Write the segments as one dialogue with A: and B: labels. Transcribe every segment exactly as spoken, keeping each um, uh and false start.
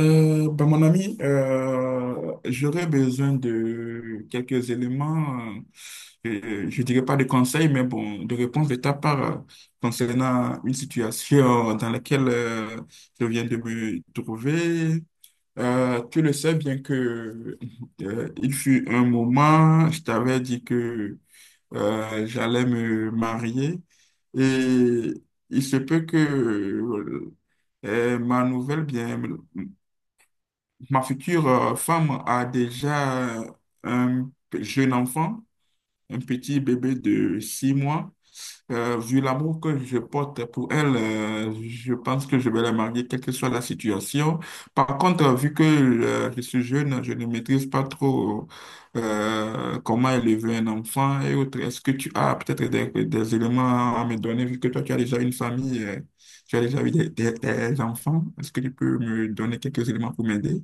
A: Euh, ben, mon ami, euh, j'aurais besoin de quelques éléments, euh, euh, je dirais pas de conseils, mais bon, de réponses de ta part euh, concernant une situation dans laquelle euh, je viens de me trouver. Euh, tu le sais bien que euh, il fut un moment, je t'avais dit que euh, j'allais me marier, et il se peut que euh, ma nouvelle bien ma future euh, femme a déjà euh, un p- jeune enfant, un petit bébé de six mois. Euh, vu l'amour que je porte pour elle, euh, je pense que je vais la marier, quelle que soit la situation. Par contre, euh, vu que euh, je suis jeune, je ne maîtrise pas trop euh, comment élever un enfant et autres. Est-ce que tu as peut-être des, des éléments à me donner, vu que toi, tu as déjà une famille, euh, tu as déjà eu des, des des enfants? Est-ce que tu peux me donner quelques éléments pour m'aider?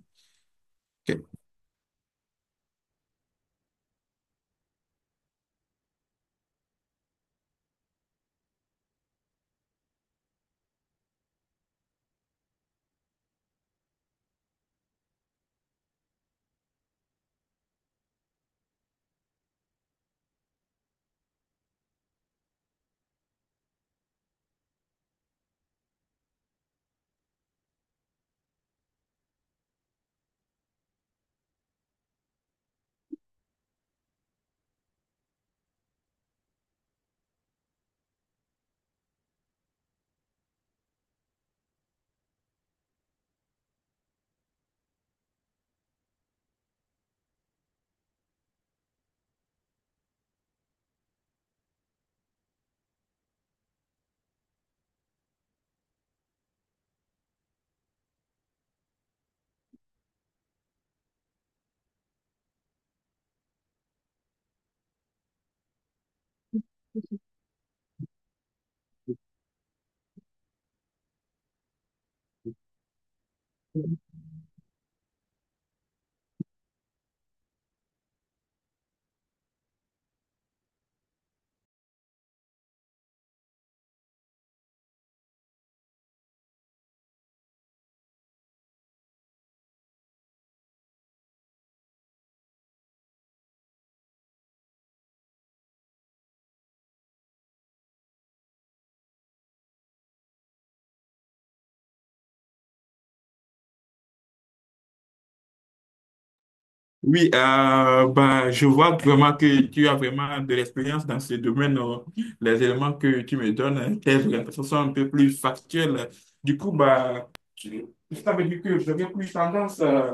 A: Oui, euh, bah, je vois vraiment que tu as vraiment de l'expérience dans ce domaine. euh, Les éléments que tu me donnes, euh, tes orientations sont un peu plus factuelles. Du coup, bah, tu- ça veut dire que j'aurais plus tendance, euh,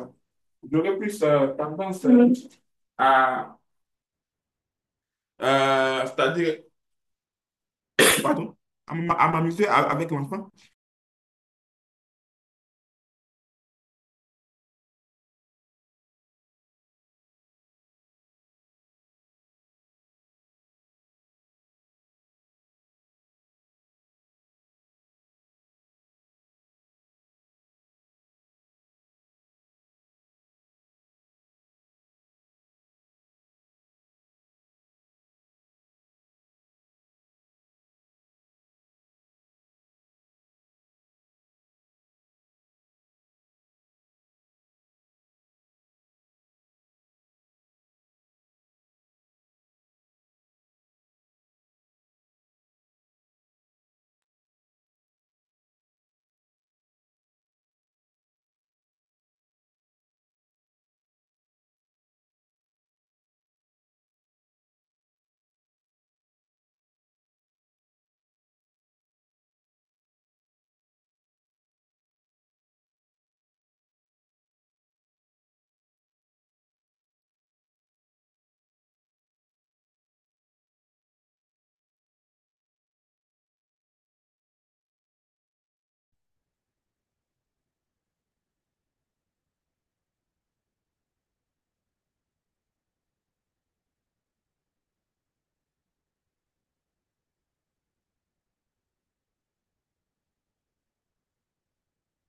A: j'aurais plus euh, tendance euh, à, euh, c'est-à-dire, pardon, à m- à m'amuser a- avec l'enfant.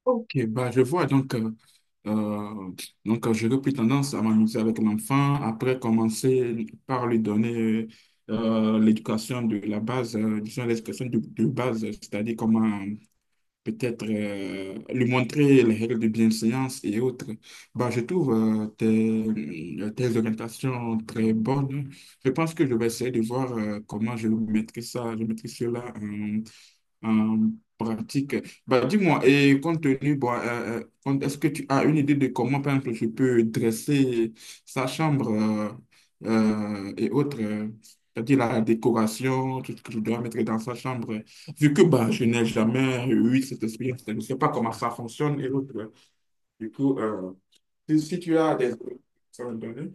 A: Ok, bah, je vois. Donc, euh, euh, donc euh, j'aurais plus tendance à m'amuser avec l'enfant, après commencer par lui donner euh, l'éducation de la base, euh, disons l'éducation de, de base, c'est-à-dire comment peut-être euh, lui montrer les règles de bienséance et autres. Bah, je trouve euh, tes, euh, tes orientations très bonnes. Je pense que je vais essayer de voir euh, comment je maîtrise ça, je maîtrise cela en pratique. Bah, dis-moi, et compte tenu, bon, euh, euh, compte- est-ce que tu as une idée de comment, par exemple, je peux dresser sa chambre euh, euh, et autres, euh, c'est-à-dire la décoration, tout ce que je dois mettre dans sa chambre, vu que bah, je n'ai jamais eu cette expérience, je ne sais pas comment ça fonctionne et autres. Du coup, euh, si, si tu as des... ça me donne-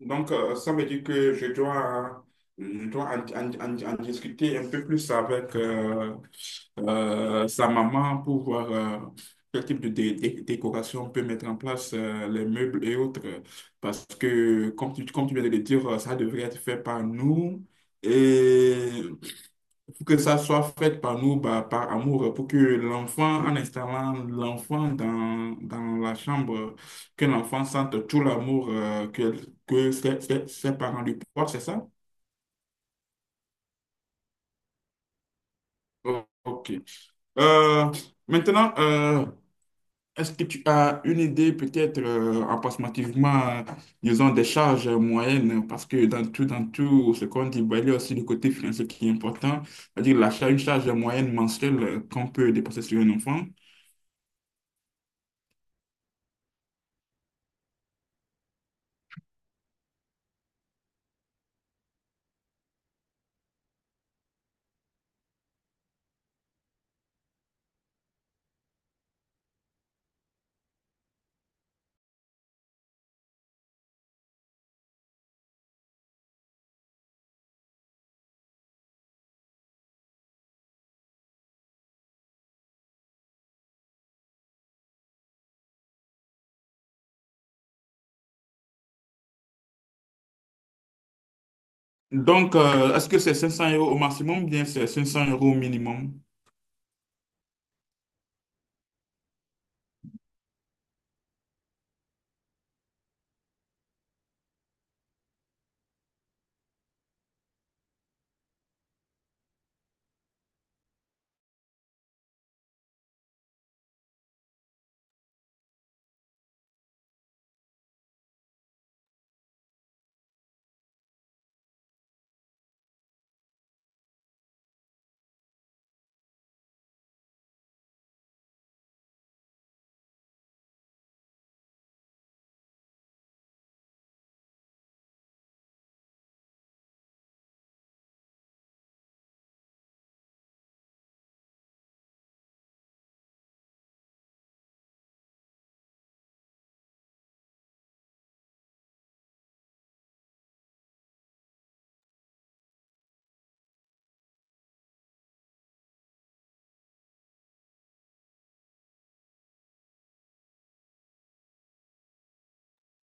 A: Donc, euh, ça veut dire que je dois, je dois en, en- en- en discuter un peu plus avec euh, euh, sa maman pour voir euh, quel type de dé- dé- décoration on peut mettre en place, euh, les meubles et autres. Parce que, comme tu, comme tu viens de le dire, ça devrait être fait par nous. Et pour que ça soit fait par nous, bah, par amour, pour que l'enfant, en installant l'enfant dans, dans la chambre, que l'enfant sente tout l'amour euh, que, que ses, ses- ses parents lui portent, c'est ça? Oh, ok. Euh, maintenant, euh, Est-ce que tu as une idée peut-être euh, approximativement, euh, disons, des charges moyennes? Parce que dans tout, dans tout ce qu'on dit, bah, il y a aussi le côté financier qui est important. C'est-à-dire la charge, une charge moyenne mensuelle euh, qu'on peut dépenser sur un enfant. Donc, euh, est-ce que c'est cinq cents euros au maximum ou bien c'est cinq cents euros au minimum?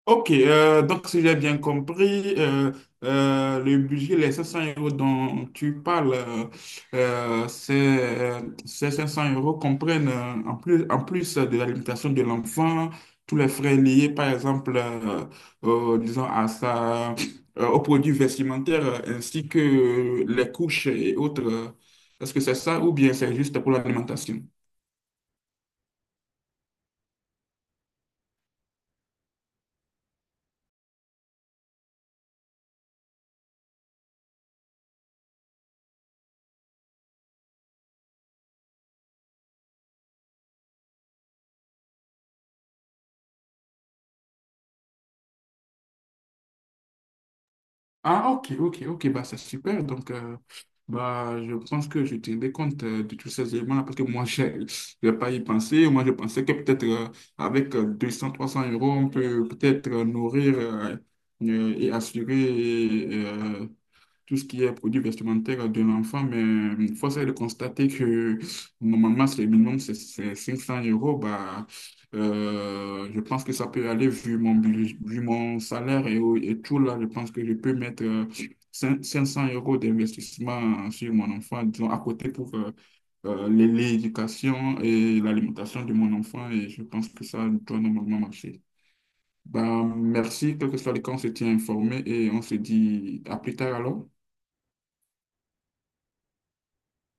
A: Ok, euh, donc si j'ai bien compris, euh, euh, le budget, les cinq cents euros dont tu parles, euh, euh, c'est, euh, ces cinq cents euros comprennent euh, en plus, en plus de l'alimentation de l'enfant, tous les frais liés, par exemple, euh, euh, disons, à sa, euh, aux produits vestimentaires, euh, ainsi que les couches et autres. Est-ce que c'est ça ou bien c'est juste pour l'alimentation? Ah, ok, ok, ok, bah, c'est super. Donc, euh, bah, je pense que je tiendrai compte euh, de tous ces éléments-là parce que moi, je n'ai pas y pensé. Moi, je pensais que peut-être euh, avec euh, deux cents, trois cents euros, on peut peut-être euh, nourrir euh, euh, et assurer euh, tout ce qui est produit vestimentaire de l'enfant, mais hum, force est de constater que normalement, c'est le minimum, c'est c'est cinq cents euros. Bah, euh, je pense que ça peut aller vu mon, bu- vu mon salaire et, au- et tout là. Je pense que je peux mettre euh, cinq 500 euros d'investissement sur mon enfant, disons, à côté pour euh, euh, l'é- l'éducation et l'alimentation de mon enfant. Et je pense que ça doit normalement marcher. Bah, merci, quel que soit le cas, on se tient informé et on se dit à plus tard alors.